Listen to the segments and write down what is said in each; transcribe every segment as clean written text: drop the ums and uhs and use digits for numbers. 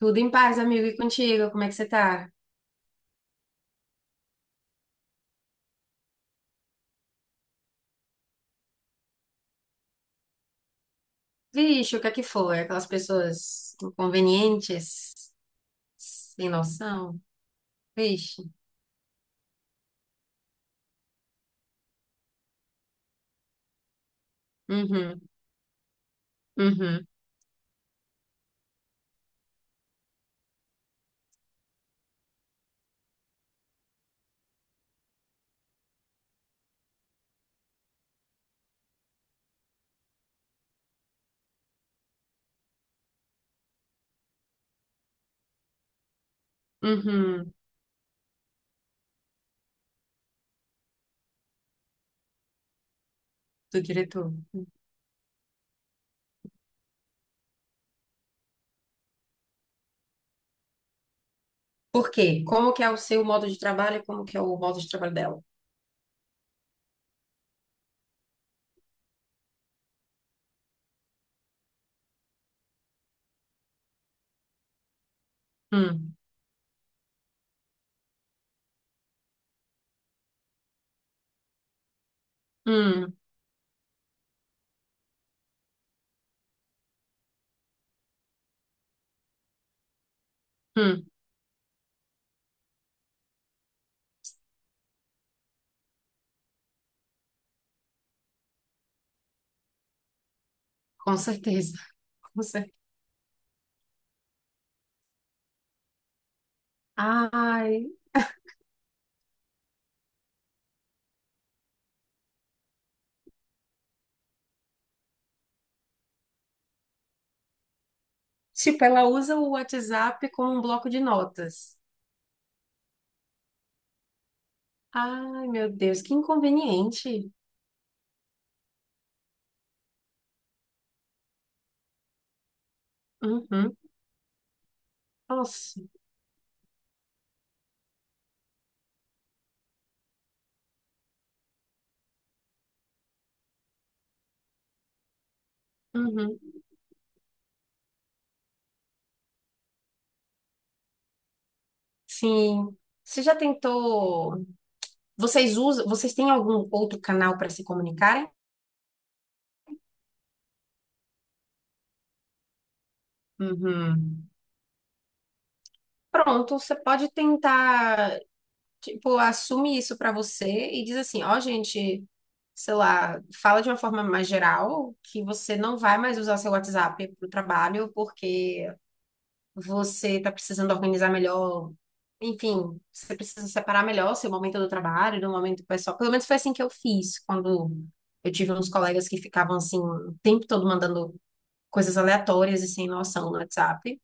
Tudo em paz, amigo. E contigo? Como é que você tá? Vixe, o que é que foi? Aquelas pessoas inconvenientes, sem noção. Vixe. Uhum, uhum, uhum. Do diretor. Por quê? Como que é o seu modo de trabalho e como que é o modo de trabalho dela? Hum, hum, hum. Com certeza. Com certeza. Ai. Tipo, ela usa o WhatsApp como um bloco de notas. Ai, meu Deus, que inconveniente. Uhum. Nossa. Uhum. Sim. Você já tentou? Vocês usam? Vocês têm algum outro canal para se comunicarem? Uhum. Pronto, você pode tentar, tipo, assume isso para você e diz assim, ó, gente, sei lá, fala de uma forma mais geral que você não vai mais usar seu WhatsApp para o trabalho porque você está precisando organizar melhor, enfim, você precisa separar melhor seu momento do trabalho do momento pessoal. Pelo menos foi assim que eu fiz, quando eu tive uns colegas que ficavam assim, o tempo todo mandando coisas aleatórias e sem noção no WhatsApp.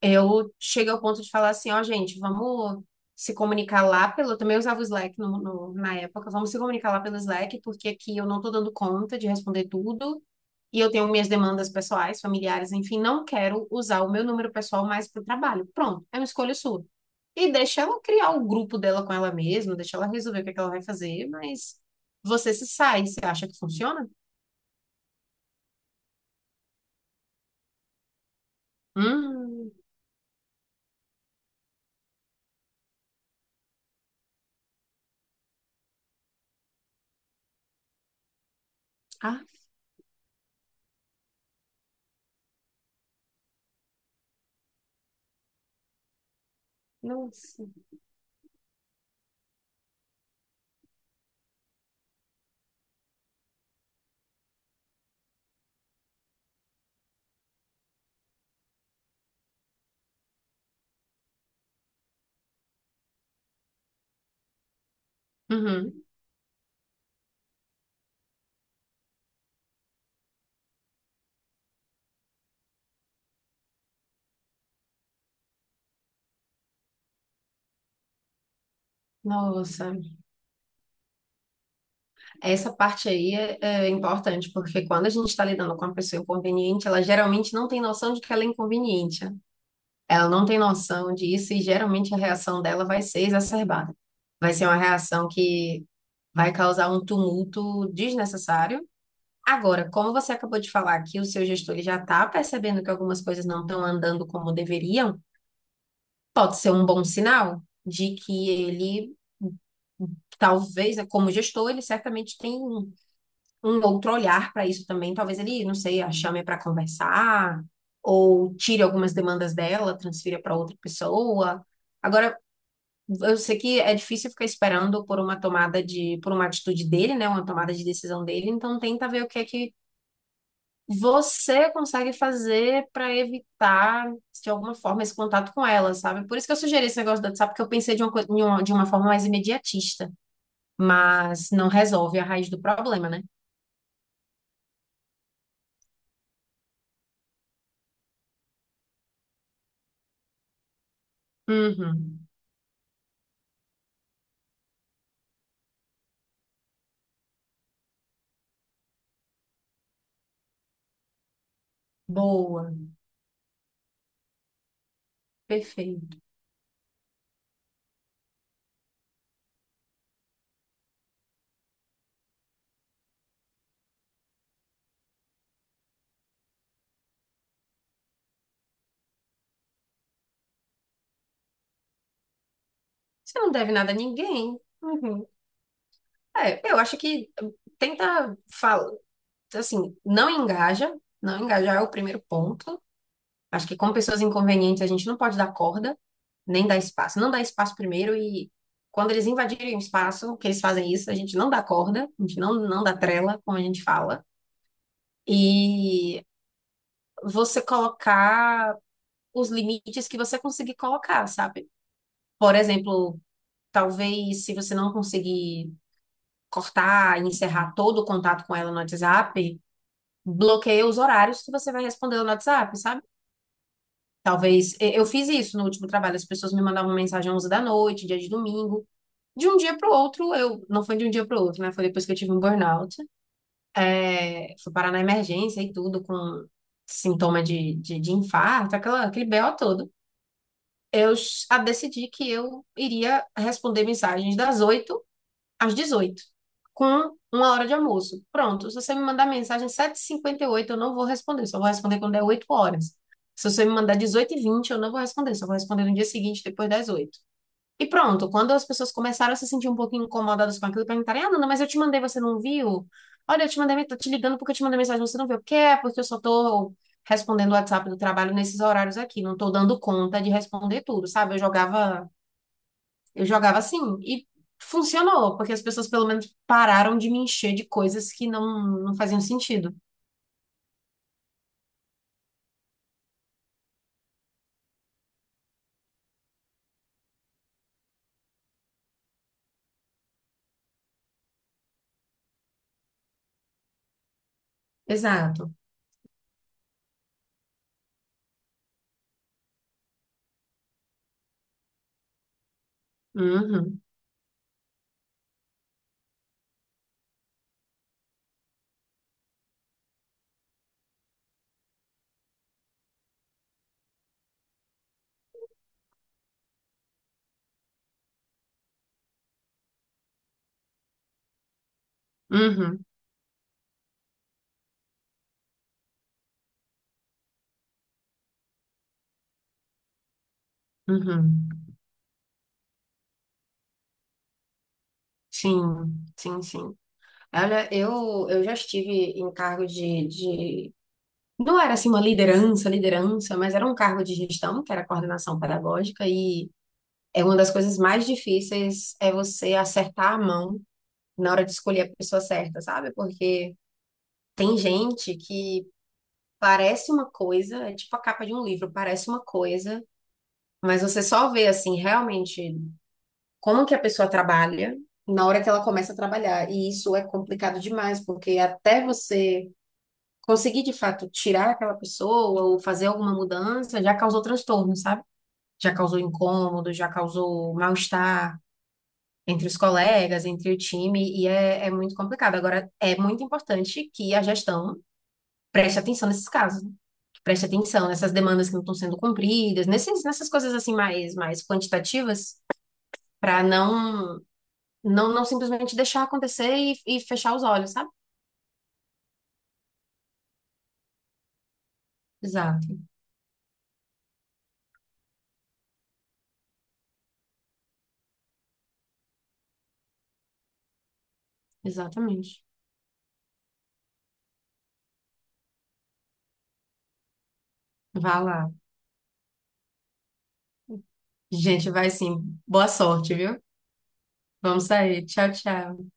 Eu chego ao ponto de falar assim, ó, gente, vamos se comunicar lá pelo. Eu também usava o Slack na época, vamos se comunicar lá pelo Slack, porque aqui eu não tô dando conta de responder tudo. E eu tenho minhas demandas pessoais, familiares, enfim, não quero usar o meu número pessoal mais para o trabalho. Pronto, é uma escolha sua. E deixa ela criar o grupo dela com ela mesma, deixa ela resolver o que é que ela vai fazer, mas você se sai, você acha que funciona? Hum, ah, nossa. Uhum, nossa. Essa parte aí é importante, porque quando a gente está lidando com uma pessoa inconveniente, ela geralmente não tem noção de que ela é inconveniente, né? Ela não tem noção disso e geralmente a reação dela vai ser exacerbada. Vai ser uma reação que vai causar um tumulto desnecessário. Agora, como você acabou de falar que o seu gestor ele já está percebendo que algumas coisas não estão andando como deveriam, pode ser um bom sinal de que ele talvez, né, como gestor, ele certamente tem um outro olhar para isso também. Talvez ele, não sei, a chame para conversar, ou tire algumas demandas dela, transfira para outra pessoa. Agora, eu sei que é difícil ficar esperando por uma tomada de, por uma atitude dele, né? Uma tomada de decisão dele, então tenta ver o que é que você consegue fazer para evitar, de alguma forma, esse contato com ela, sabe? Por isso que eu sugeri esse negócio do WhatsApp, porque eu pensei de uma, coi- em uma- de uma forma mais imediatista, mas não resolve a raiz do problema, né? Uhum. Boa. Perfeito. Você não deve nada a ninguém. Uhum. É, eu acho que tenta falar, assim, não engaja, não engajar é o primeiro ponto. Acho que com pessoas inconvenientes a gente não pode dar corda, nem dar espaço. Não dá espaço primeiro e quando eles invadirem o espaço, que eles fazem isso, a gente não dá corda, a gente não dá trela, como a gente fala. E você colocar os limites que você conseguir colocar, sabe? Por exemplo, talvez se você não conseguir cortar e encerrar todo o contato com ela no WhatsApp, bloqueia os horários que você vai responder no WhatsApp, sabe? Talvez eu fiz isso no último trabalho, as pessoas me mandavam mensagem às 11 da noite, dia de domingo. De um dia para o outro, eu não foi de um dia para o outro, né? Foi depois que eu tive um burnout. É, fui parar na emergência e tudo com sintoma de infarto, aquela, aquele BO todo. Decidi que eu iria responder mensagens das 8 às 18, com uma hora de almoço. Pronto, se você me mandar mensagem 7:58, eu não vou responder, só vou responder quando der 8 horas. Se você me mandar dezoito h 20 eu não vou responder, só vou responder no dia seguinte, depois das 8. E pronto, quando as pessoas começaram a se sentir um pouquinho incomodadas com aquilo, perguntarem, ah, Nana, mas eu te mandei, você não viu? Olha, eu te mandei, tô te ligando porque eu te mandei mensagem, você não viu. Porque é, porque eu só tô respondendo o WhatsApp do trabalho nesses horários aqui, não tô dando conta de responder tudo, sabe? Eu jogava assim e funcionou, porque as pessoas pelo menos pararam de me encher de coisas que não faziam sentido. Exato. Uhum, uhum, uhum. Sim, sim, sim. Olha, eu já estive em cargo de. Não era assim uma liderança, liderança, mas era um cargo de gestão, que era coordenação pedagógica, e é uma das coisas mais difíceis é você acertar a mão na hora de escolher a pessoa certa, sabe? Porque tem gente que parece uma coisa, é tipo a capa de um livro, parece uma coisa, mas você só vê assim realmente como que a pessoa trabalha na hora que ela começa a trabalhar. E isso é complicado demais, porque até você conseguir de fato tirar aquela pessoa ou fazer alguma mudança já causou transtorno, sabe? Já causou incômodo, já causou mal-estar. Entre os colegas, entre o time, e é muito complicado. Agora, é muito importante que a gestão preste atenção nesses casos, né? Preste atenção nessas demandas que não estão sendo cumpridas, nesses, nessas coisas assim mais quantitativas, para não simplesmente deixar acontecer e fechar os olhos, sabe? Exato, exatamente. Vá lá. Gente, vai sim. Boa sorte, viu? Vamos sair. Tchau, tchau.